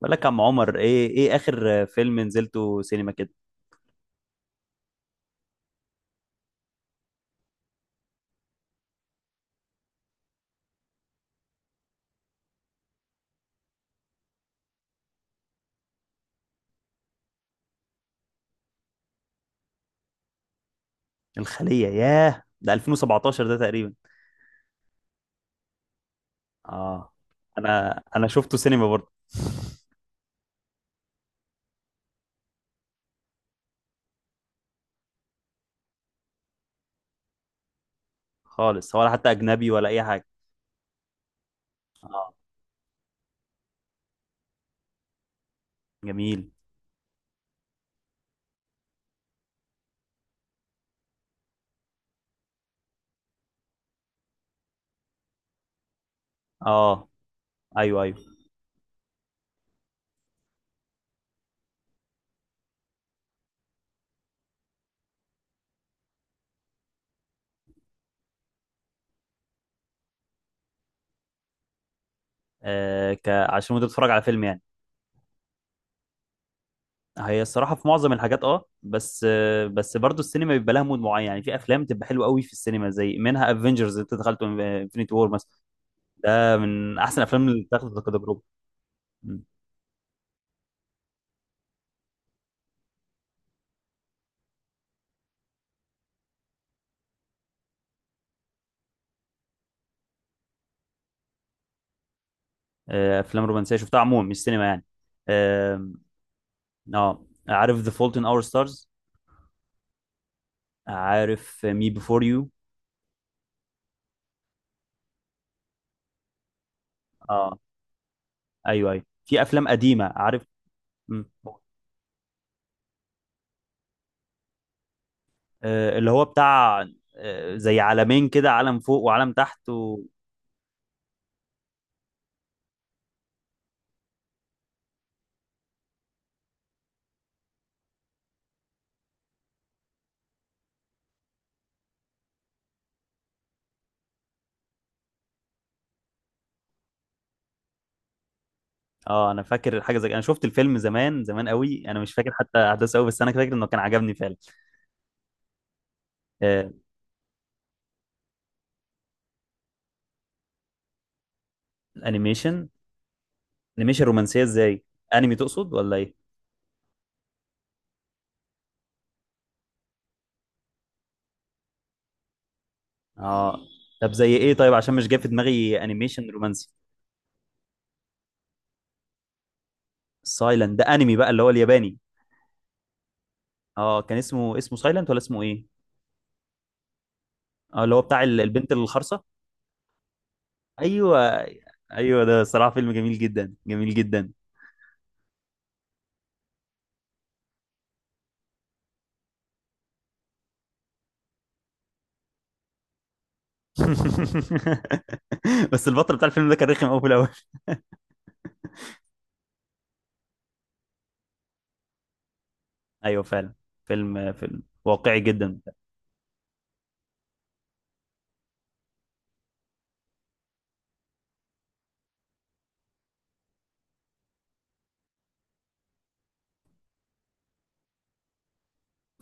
بقول لك يا عم عمر، ايه اخر فيلم نزلته سينما كده؟ الخلية، ياه ده 2017 ده تقريبا. اه. انا شفته سينما برضه. خالص، ولا حتى اجنبي ولا اي حاجة؟ اه. جميل. اه. ايوه، ايوه. عشان وانت بتتفرج على فيلم يعني. هي الصراحة في معظم الحاجات، اه، بس برضه السينما بيبقى لها مود معين. يعني في افلام تبقى حلوة قوي في السينما، زي منها افنجرز اللي انت دخلته، انفينيتي وور مثلا. من احسن الافلام اللي اتاخدت كتجربة. مم. افلام رومانسيه شفتها عموما، مش سينما يعني. آم، اه، عارف ذا فولت ان اور ستارز؟ عارف مي بيفور يو؟ اه. ايوه، ايوه، في افلام قديمه، عارف. مم. اللي هو بتاع، زي عالمين كده، عالم فوق وعالم تحت و... اه، انا فاكر حاجه، زي، انا شفت الفيلم زمان زمان قوي، انا مش فاكر حتى احداثه قوي، بس انا فاكر انه كان عجبني فعلا. آه، الانيميشن. انيميشن رومانسيه ازاي؟ انمي تقصد ولا ايه؟ اه. طب زي ايه؟ طيب، عشان مش جاي في دماغي انيميشن رومانسي. سايلنت ده انمي بقى، اللي هو الياباني. اه، كان اسمه سايلنت ولا اسمه ايه؟ اه، اللي هو بتاع البنت الخرصه. ايوه. ايوه، ده صراحه فيلم جميل جدا، جميل جدا. بس البطل بتاع الفيلم ده كان رخم قوي في الاول. ايوه فعلا. فيلم واقعي جدا.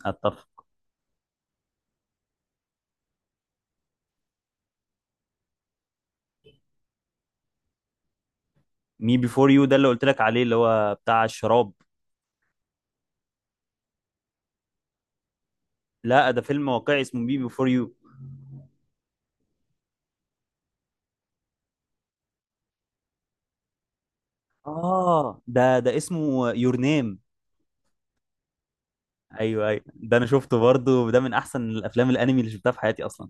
اتفق. مي بيفور يو ده اللي قلت لك عليه، اللي هو بتاع الشراب. لا، ده فيلم واقعي اسمه مي بيفور يو. اه، ده اسمه يور نيم. ايوه، ايوه، ده انا شفته برضه، وده من احسن الافلام الانمي اللي شفتها في حياتي اصلا.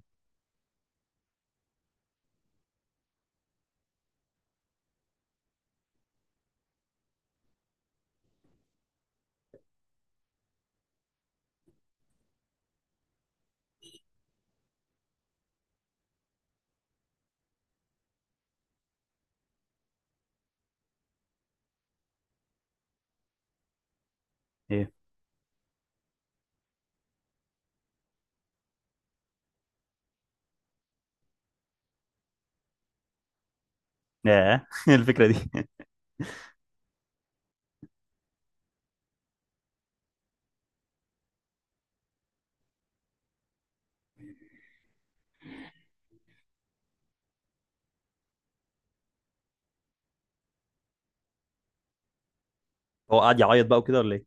ايه. ياه، الفكره دي. هو قاعد يعيط بقى وكده ولا ايه؟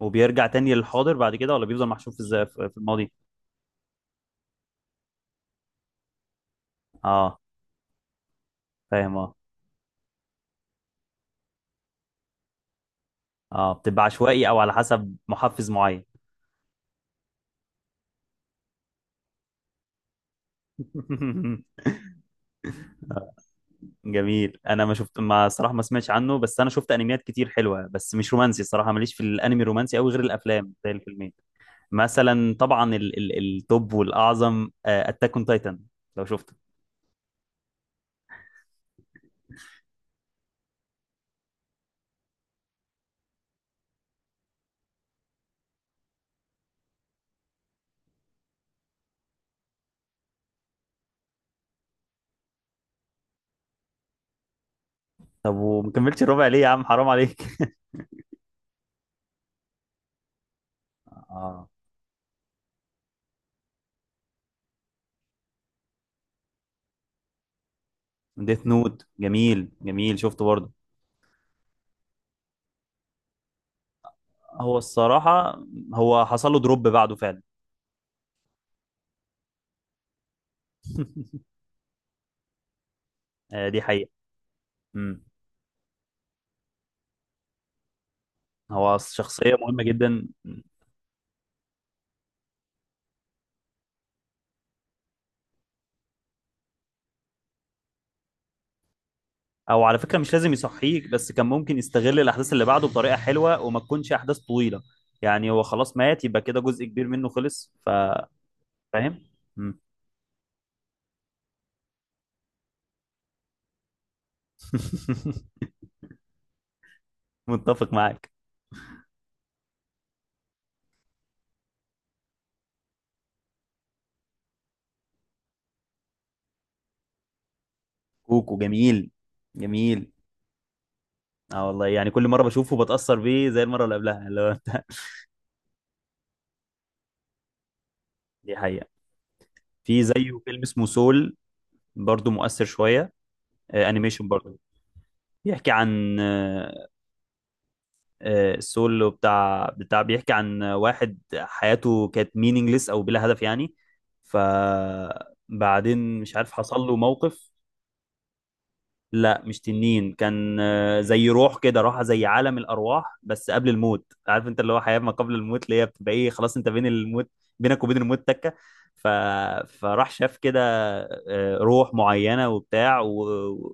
وبيرجع تاني للحاضر بعد كده، ولا بيفضل محشور في الز- في في الماضي؟ اه. فاهم، اه. اه، بتبقى عشوائي او على حسب محفز معين. جميل. انا ما، صراحه، ما سمعتش عنه، بس انا شفت انميات كتير حلوه، بس مش رومانسي. الصراحه ماليش في الانمي الرومانسي قوي، غير الافلام زي الفيلمين. مثلا، طبعا ال التوب والاعظم، اتاك اون تايتن، لو شفته. طب وما كملتش الربع ليه يا عم، حرام عليك. اه. ديث نوت، جميل، جميل، شفته برضه. هو الصراحه هو حصل له دروب بعده فعلا. آه، دي حقيقه. امم هو شخصيه مهمه جدا. او على فكره مش لازم يصحيك، بس كان ممكن يستغل الاحداث اللي بعده بطريقه حلوه، وما تكونش احداث طويله. يعني هو خلاص مات، يبقى كده جزء كبير منه خلص. فاهم. مم. متفق معاك. كوكو، جميل، جميل. اه والله، يعني كل مره بشوفه بتاثر بيه زي المره اللي قبلها، اللي هو انت. دي حقيقه. في زيه فيلم اسمه سول، برضه مؤثر شويه. انيميشن برضه. بيحكي عن، السول، بتاع بتاع بيحكي عن واحد حياته كانت مينينجلس او بلا هدف يعني. فبعدين مش عارف، حصل له موقف. لا، مش تنين. كان، زي روح كده، راح زي عالم الارواح، بس قبل الموت. عارف انت اللي هو حياة ما قبل الموت، اللي هي بتبقى ايه، خلاص انت بين الموت، بينك وبين الموت تكة. ف... فراح شاف كده، روح معينة وبتاع و...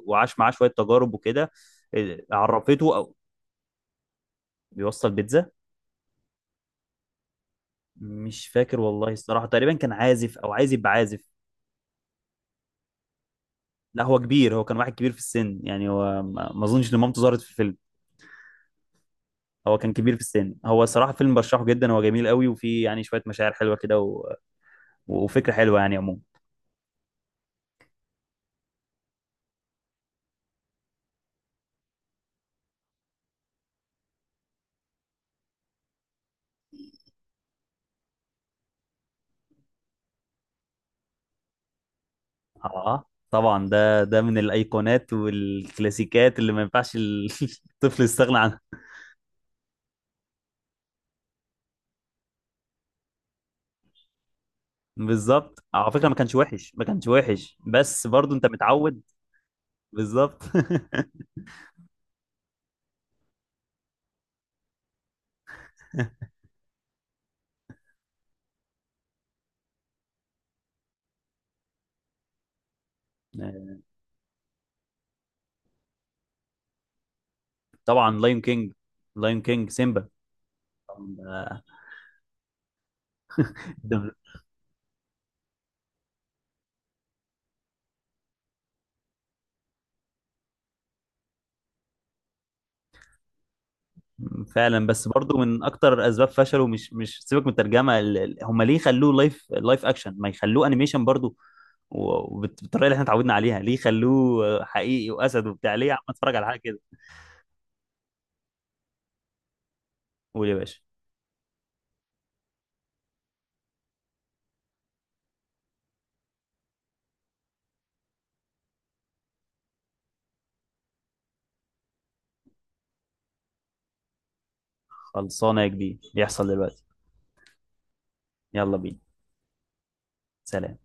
وعاش معاه شوية تجارب وكده، عرفته او... بيوصل بيتزا. مش فاكر والله الصراحة، تقريبا كان عازف أو عايز يبقى عازف. لا، هو كبير، هو كان واحد كبير في السن. يعني هو ما أظنش إن مامته ظهرت في الفيلم. هو كان كبير في السن، هو صراحة فيلم برشحه جدا، هو جميل قوي، وفيه يعني شوية مشاعر حلوة كده و... وفكرة حلوة يعني عموما. آه، طبعا ده من الأيقونات والكلاسيكات اللي ما ينفعش الطفل يستغنى عنها. بالظبط. على فكرة ما كانش وحش، ما كانش وحش، بس برضو أنت متعود. بالظبط. طبعا، لاين كينج. لاين كينج. سيمبا. جدا. فعلا، بس برضو من اكتر اسباب فشله مش سيبك من الترجمه، هم ليه خلوه لايف اكشن؟ ما يخلوه انيميشن برضو، وبالطريقه اللي احنا اتعودنا عليها؟ ليه خلوه حقيقي، واسد وبتاع، ليه يا عم اتفرج على حاجه كده. قول يا باشا. خلصانه يا كبير، يحصل دلوقتي. يلا بينا. سلام.